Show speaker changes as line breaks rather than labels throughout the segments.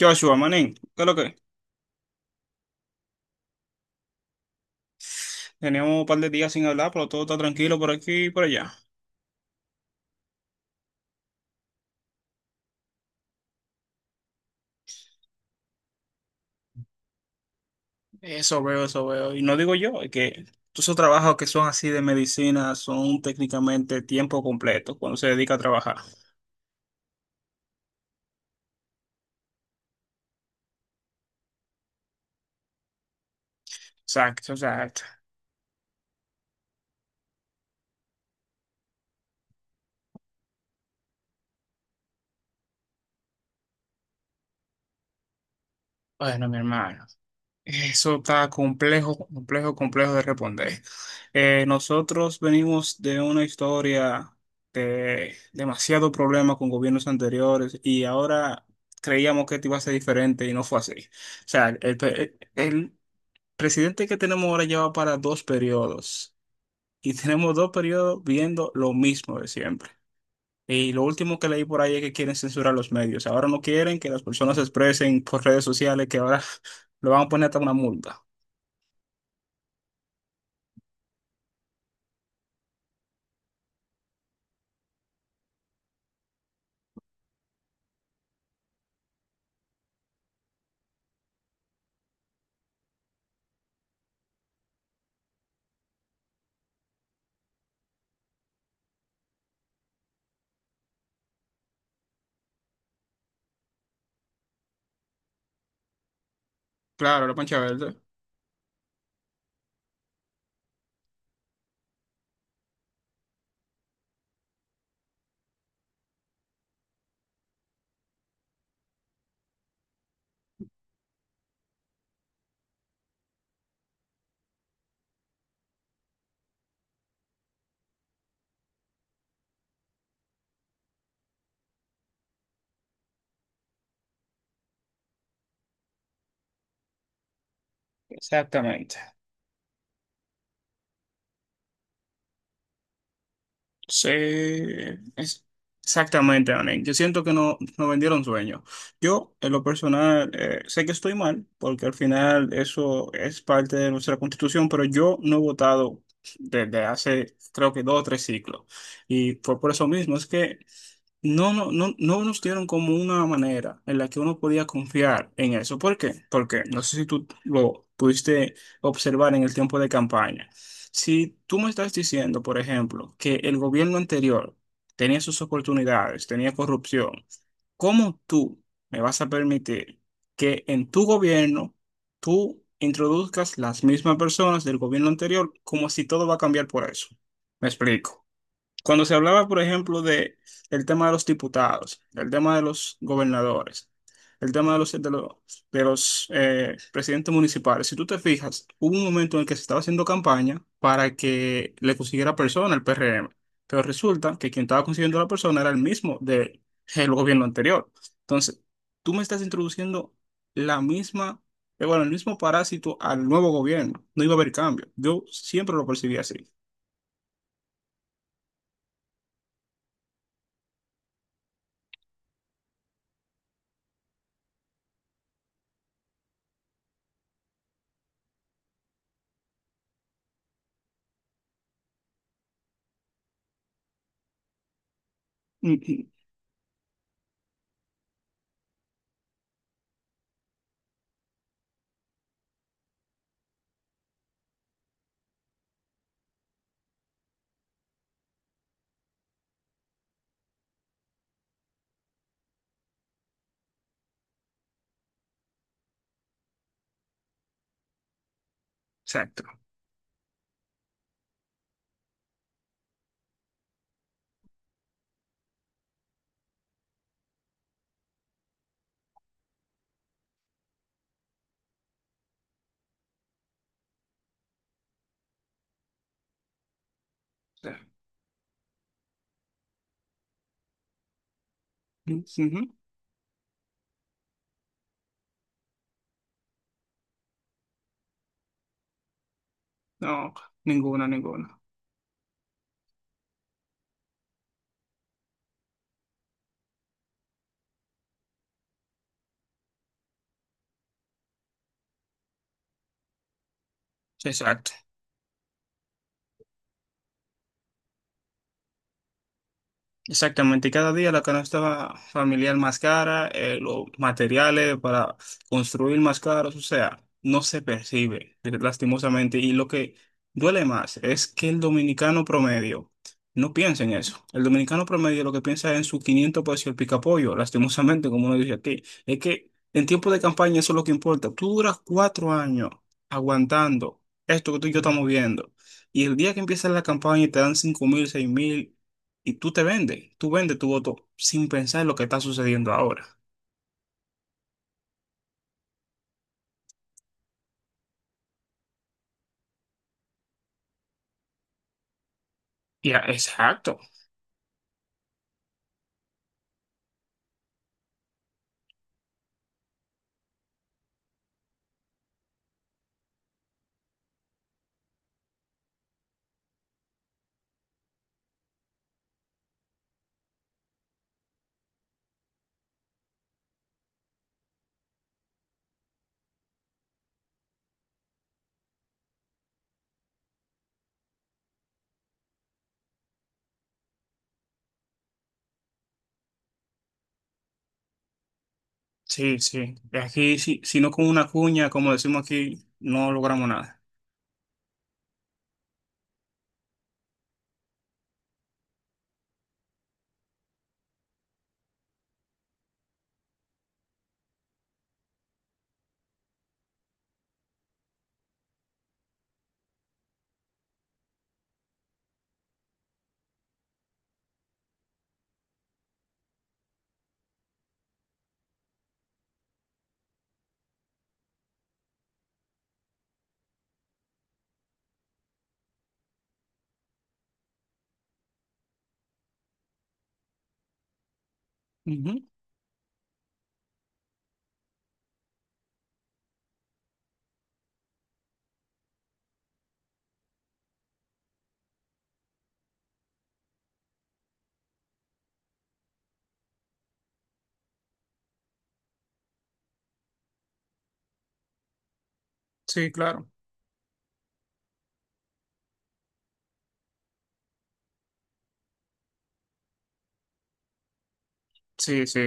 Joshua, manín, ¿qué es lo que? Teníamos un par de días sin hablar, pero todo está tranquilo por aquí y por allá. Eso veo, eso veo. Y no digo yo, es que todos esos trabajos que son así de medicina son técnicamente tiempo completo cuando se dedica a trabajar. Exacto, exacto. Bueno, mi hermano. Eso está complejo, complejo, complejo de responder. Nosotros venimos de una historia de demasiado problema con gobiernos anteriores y ahora creíamos que esto iba a ser diferente y no fue así. O sea, el, el presidente que tenemos ahora lleva para dos periodos y tenemos dos periodos viendo lo mismo de siempre. Y lo último que leí por ahí es que quieren censurar los medios. Ahora no quieren que las personas se expresen por redes sociales, que ahora lo van a poner hasta una multa. Claro, la pancha verde. Exactamente. Sí, es- exactamente, Anen. Yo siento que no, nos vendieron sueños. Yo, en lo personal, sé que estoy mal, porque al final eso es parte de nuestra constitución, pero yo no he votado desde hace, creo que dos o tres ciclos. Y fue por eso mismo, es que no nos dieron como una manera en la que uno podía confiar en eso. ¿Por qué? Porque no sé si tú lo pudiste observar en el tiempo de campaña. Si tú me estás diciendo, por ejemplo, que el gobierno anterior tenía sus oportunidades, tenía corrupción, ¿cómo tú me vas a permitir que en tu gobierno tú introduzcas las mismas personas del gobierno anterior como si todo va a cambiar por eso? Me explico. Cuando se hablaba, por ejemplo, de el tema de los diputados, el tema de los gobernadores, el tema de los presidentes municipales, si tú te fijas, hubo un momento en el que se estaba haciendo campaña para que le consiguiera persona al PRM, pero resulta que quien estaba consiguiendo la persona era el mismo del gobierno anterior. Entonces, tú me estás introduciendo la misma, bueno, el mismo parásito al nuevo gobierno. No iba a haber cambio. Yo siempre lo percibí así. Mm, mm. Exacto. Ujú. No, ninguno, ninguno. Exacto. Exactamente, y cada día la canasta familiar más cara, los materiales para construir más caros, o sea, no se percibe, lastimosamente. Y lo que duele más es que el dominicano promedio no piensa en eso. El dominicano promedio lo que piensa es en su 500 pesos y el picapollo, lastimosamente, como uno dice aquí. Es que en tiempo de campaña eso es lo que importa. Tú duras cuatro años aguantando esto que tú y yo estamos viendo. Y el día que empieza la campaña y te dan 5 mil, y tú te vendes, tú vendes tu voto sin pensar en lo que está sucediendo ahora. Ya, exacto. Sí, sí. Aquí, sí, si no con una cuña, como decimos aquí, no logramos nada. Ujú. Sí, claro. Sí, sí.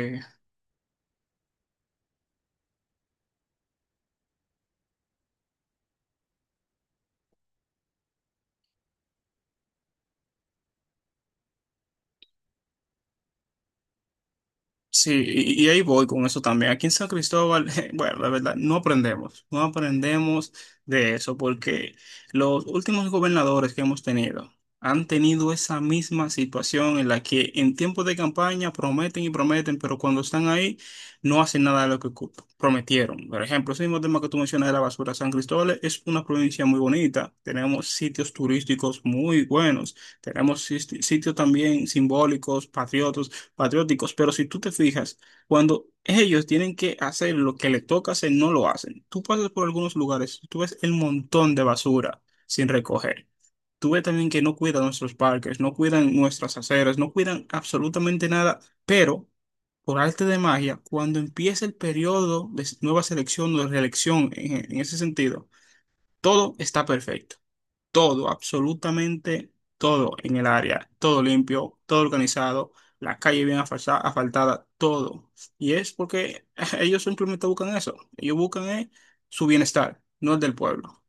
Sí, y ahí voy con eso también. Aquí en San Cristóbal, bueno, la verdad, no aprendemos, no aprendemos de eso, porque los últimos gobernadores que hemos tenido han tenido esa misma situación en la que en tiempos de campaña prometen y prometen, pero cuando están ahí no hacen nada de lo que prometieron. Por ejemplo, ese mismo tema que tú mencionas de la basura, San Cristóbal es una provincia muy bonita, tenemos sitios turísticos muy buenos, tenemos sitios también simbólicos, patriotas patrióticos, pero si tú te fijas, cuando ellos tienen que hacer lo que les toca hacer, no lo hacen. Tú pasas por algunos lugares, tú ves el montón de basura sin recoger. Tú ves también que no cuidan nuestros parques, no cuidan nuestras aceras, no cuidan absolutamente nada, pero por arte de magia, cuando empieza el periodo de nueva selección o de reelección en ese sentido, todo está perfecto, todo, absolutamente todo en el área, todo limpio, todo organizado, la calle bien asfaltada, todo. Y es porque ellos simplemente buscan eso, ellos buscan su bienestar, no el del pueblo.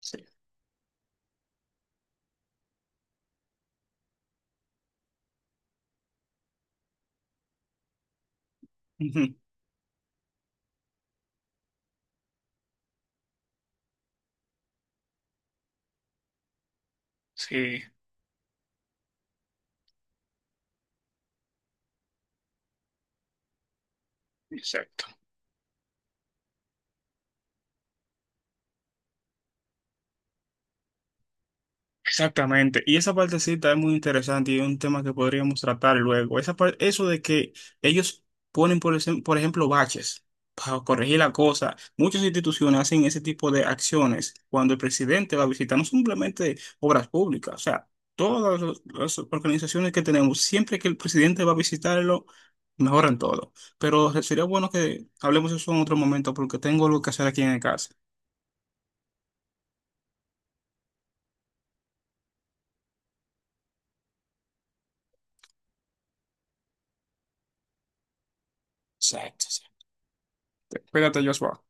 Sí. Ujú. Sí, exacto. Exactamente, y esa partecita es muy interesante y es un tema que podríamos tratar luego. Esa eso de que ellos ponen, por ejemplo, baches para corregir la cosa. Muchas instituciones hacen ese tipo de acciones cuando el presidente va a visitar, no simplemente obras públicas, o sea, todas las organizaciones que tenemos, siempre que el presidente va a visitarlo, mejoran todo. Pero sería bueno que hablemos eso en otro momento porque tengo algo que hacer aquí en casa. Exacto. Cuídate, Joshua.